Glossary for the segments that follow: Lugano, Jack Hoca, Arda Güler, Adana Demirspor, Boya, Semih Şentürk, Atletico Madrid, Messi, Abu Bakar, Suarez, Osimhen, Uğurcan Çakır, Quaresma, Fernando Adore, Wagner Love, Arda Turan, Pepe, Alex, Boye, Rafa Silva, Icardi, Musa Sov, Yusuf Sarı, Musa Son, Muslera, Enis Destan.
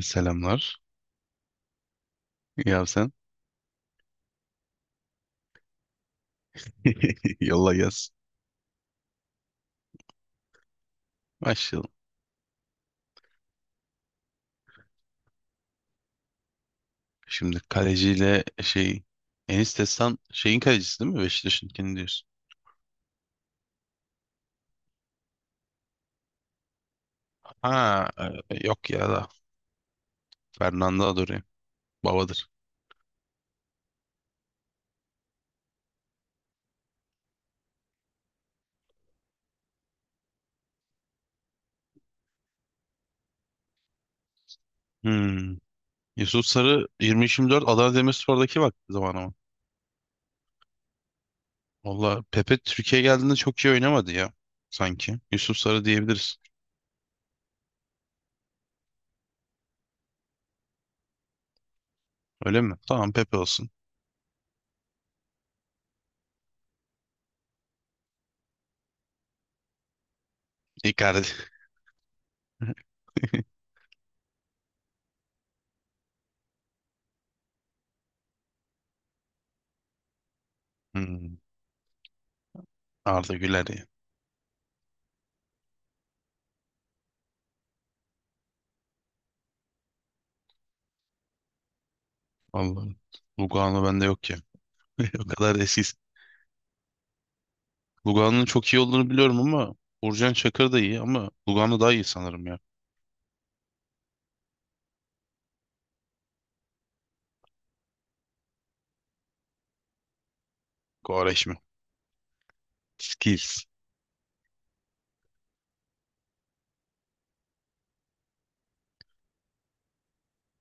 Selamlar. Ya sen? Yolla yaz. Başlayalım. Şimdi kaleciyle şey Enis Destan şeyin kalecisi değil mi? Beşiktaş'ınkini diyorsun. Ha yok ya da Fernando Adore. Babadır. Hmm. Yusuf Sarı 23-24 Adana Demirspor'daki vakti zamanı mı? Valla Pepe Türkiye geldiğinde çok iyi oynamadı ya. Sanki. Yusuf Sarı diyebiliriz. Öyle mi? Tamam Pepe olsun. Icardi. hmm. Arda Güler ya. Vallahi Lugano bende yok ya. O kadar eskiyiz. Lugano'nun çok iyi olduğunu biliyorum ama Uğurcan Çakır da iyi ama Lugano daha iyi sanırım ya. Goreş Skills.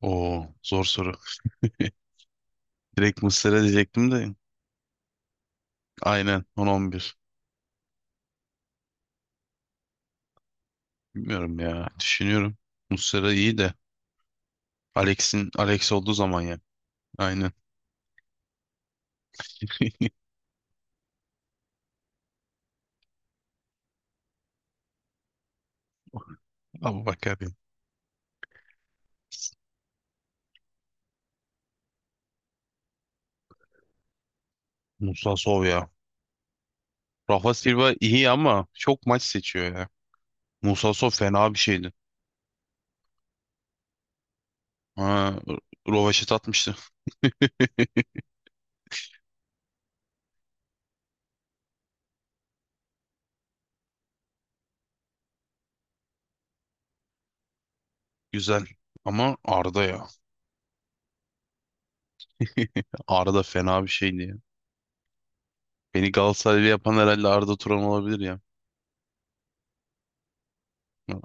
Oo zor soru. Direkt Muslera diyecektim de. Aynen 10-11. Bilmiyorum ya. Düşünüyorum. Muslera iyi de. Alex'in Alex olduğu zaman ya. Aynen. Abi bakar ya. Musa Sov ya. Rafa Silva iyi ama çok maç seçiyor ya. Musa Sov fena bir şeydi. Ha, rövaşata atmıştı. Güzel. Ama Arda ya. Arda fena bir şeydi ya. Beni Galatasaraylı yapan herhalde Arda Turan olabilir ya.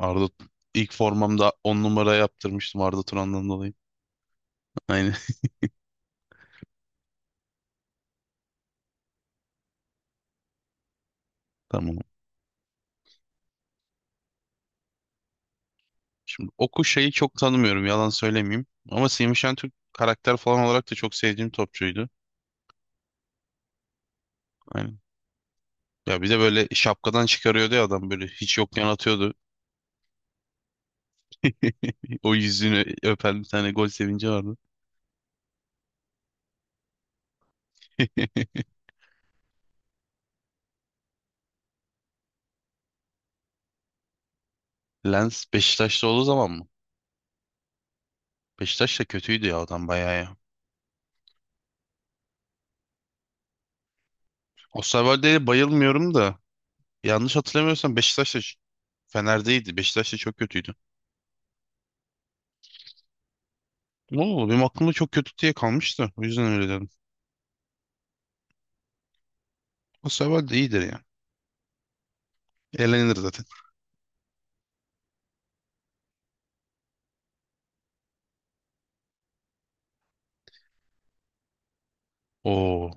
Arda ilk formamda 10 numara yaptırmıştım Arda Turan'dan dolayı. Aynen. Tamam. Şimdi Oku şeyi çok tanımıyorum yalan söylemeyeyim. Ama Semih Şentürk karakter falan olarak da çok sevdiğim topçuydu. Aynen. Ya bir de böyle şapkadan çıkarıyordu ya adam böyle hiç yokken atıyordu. O yüzünü öpen bir tane gol sevinci vardı. Lens Beşiktaş'ta olduğu zaman mı? Beşiktaş da kötüydü ya adam bayağı ya. Osterwolde'ye bayılmıyorum da yanlış hatırlamıyorsam Beşiktaş'ta Fener'deydi. Beşiktaş'ta çok kötüydü. Ne oldu? Benim aklımda çok kötü diye kalmıştı. O yüzden öyle dedim. O sefer de iyidir ya. Eğlenir zaten. Oo.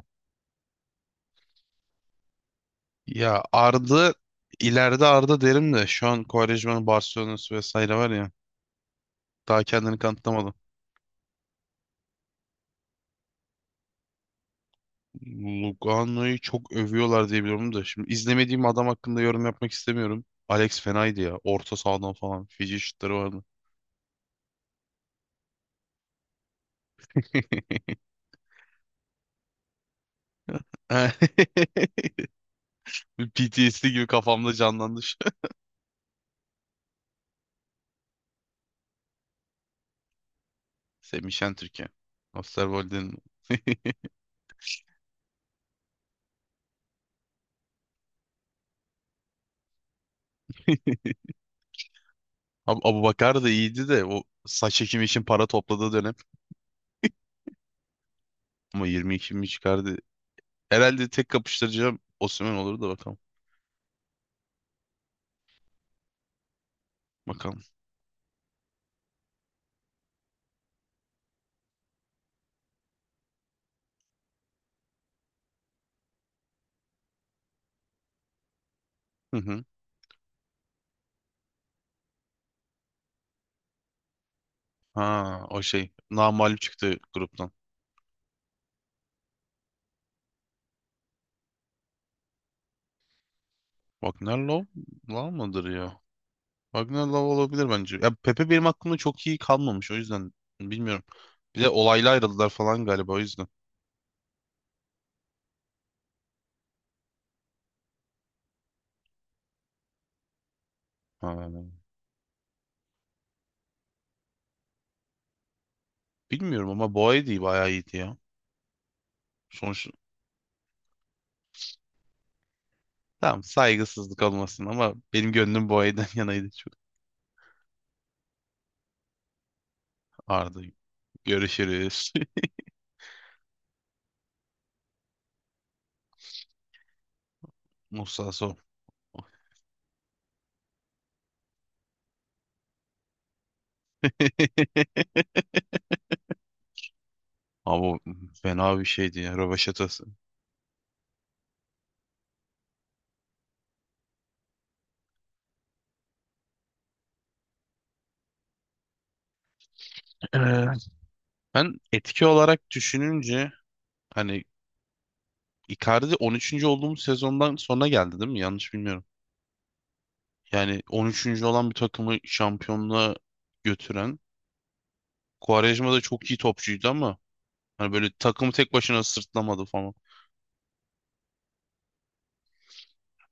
Ya Arda ileride Arda derim de şu an Quaresma'nın Barcelona'sı vesaire var ya. Daha kendini kanıtlamadı. Lugano'yu çok övüyorlar diye biliyorum da. Şimdi izlemediğim adam hakkında yorum yapmak istemiyorum. Alex fenaydı ya. Orta sahadan falan. Fiji şutları vardı. PTSD gibi kafamda canlandı. Semih Şentürk'e. Osterwold'in Abu Bakar da iyiydi de o saç ekimi için para topladığı dönem ama 22 mi çıkardı. Herhalde tek kapıştıracağım Osimhen olur da bakalım. Bakalım. Hı hı. Ha o şey namağlup çıktı gruptan. Wagner Love Love mıdır ya? Wagner Love olabilir bence. Ya Pepe benim aklımda çok iyi kalmamış o yüzden bilmiyorum. Bir de olayla ayrıldılar falan galiba o yüzden. Ha, bilmiyorum ama Boye değil bayağı iyiydi ya. Sonuç tamam saygısızlık olmasın ama benim gönlüm Boya'dan yanaydı. Çok ağırdı. Görüşürüz. Musa Son. Ama fena bir şeydi ya rövaşatası. Evet. Ben etki olarak düşününce hani Icardi 13. olduğumuz sezondan sonra geldi değil mi? Yanlış bilmiyorum. Yani 13. olan bir takımı şampiyonluğa götüren Quaresma da çok iyi topçuydu ama hani böyle takımı tek başına sırtlamadı falan.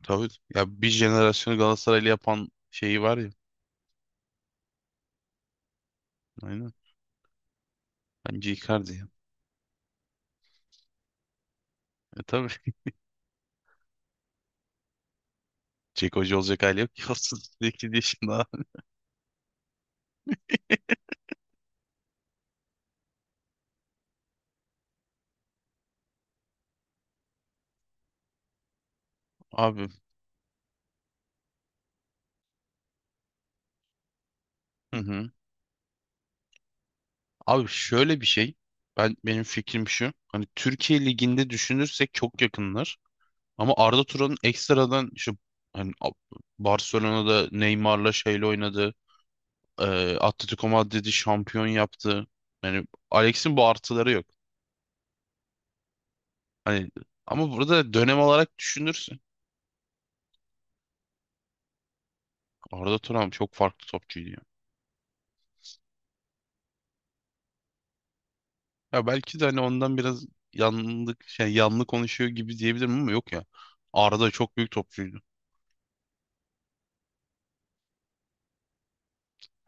Tabii ya bir jenerasyonu Galatasaraylı yapan şeyi var ya. Aynen. Bence Icardi. Ya. E tabii. Jack Hoca olacak hali yok ki 38 yaşında. Abi. Hı hı. Abi şöyle bir şey. Benim fikrim şu. Hani Türkiye Ligi'nde düşünürsek çok yakınlar. Ama Arda Turan'ın ekstradan işte hani Barcelona'da Neymar'la şeyle oynadı. Atletico Madrid'i şampiyon yaptı. Yani Alex'in bu artıları yok. Hani ama burada dönem olarak düşünürsün. Arda Turan çok farklı topçuydu. Ya belki de hani ondan biraz yanlı konuşuyor gibi diyebilirim ama yok ya. Arda çok büyük topçuydu.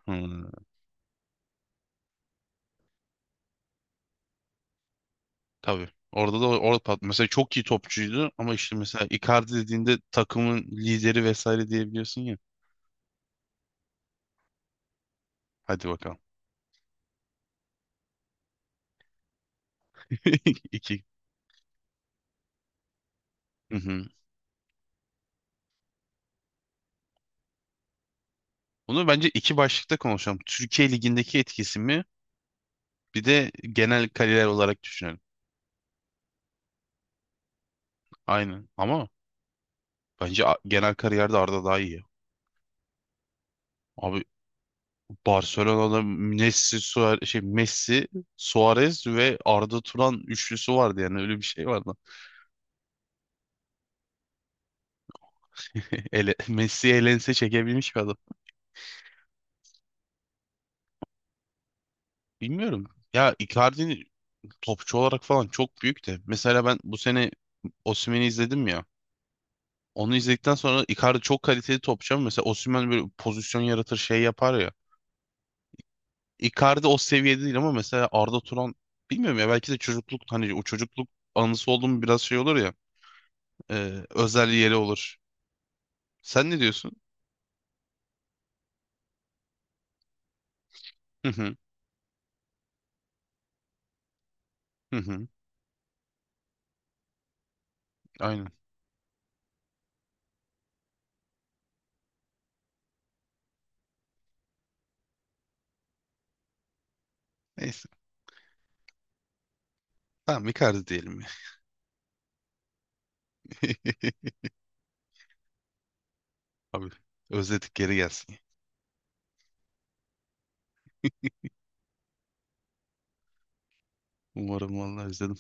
Hmm, tabii. Orada mesela çok iyi topçuydu ama işte mesela Icardi dediğinde takımın lideri vesaire diyebiliyorsun ya. Hadi bakalım. İki. Hı hı. Bunu bence iki başlıkta konuşalım. Türkiye Ligi'ndeki etkisi mi? Bir de genel kariyer olarak düşünelim. Aynen. Ama bence genel kariyerde Arda daha iyi. Abi Barcelona'da Messi, Suarez ve Arda Turan üçlüsü vardı yani öyle bir şey vardı. Messi elense çekebilmiş bir adam. Bilmiyorum. Ya Icardi topçu olarak falan çok büyük de. Mesela ben bu sene Osimhen'i izledim ya. Onu izledikten sonra Icardi çok kaliteli topçu ama mesela Osimhen böyle pozisyon yaratır şey yapar ya. Icardi o seviyede değil ama mesela Arda Turan bilmiyorum ya belki de çocukluk hani o çocukluk anısı olduğum biraz şey olur ya. Özel yeri olur. Sen ne diyorsun? Hı hı. Hı hı. Aynen. Neyse. Tamam Icardi diyelim ya. Abi özledik geri gelsin. Umarım vallahi özledim.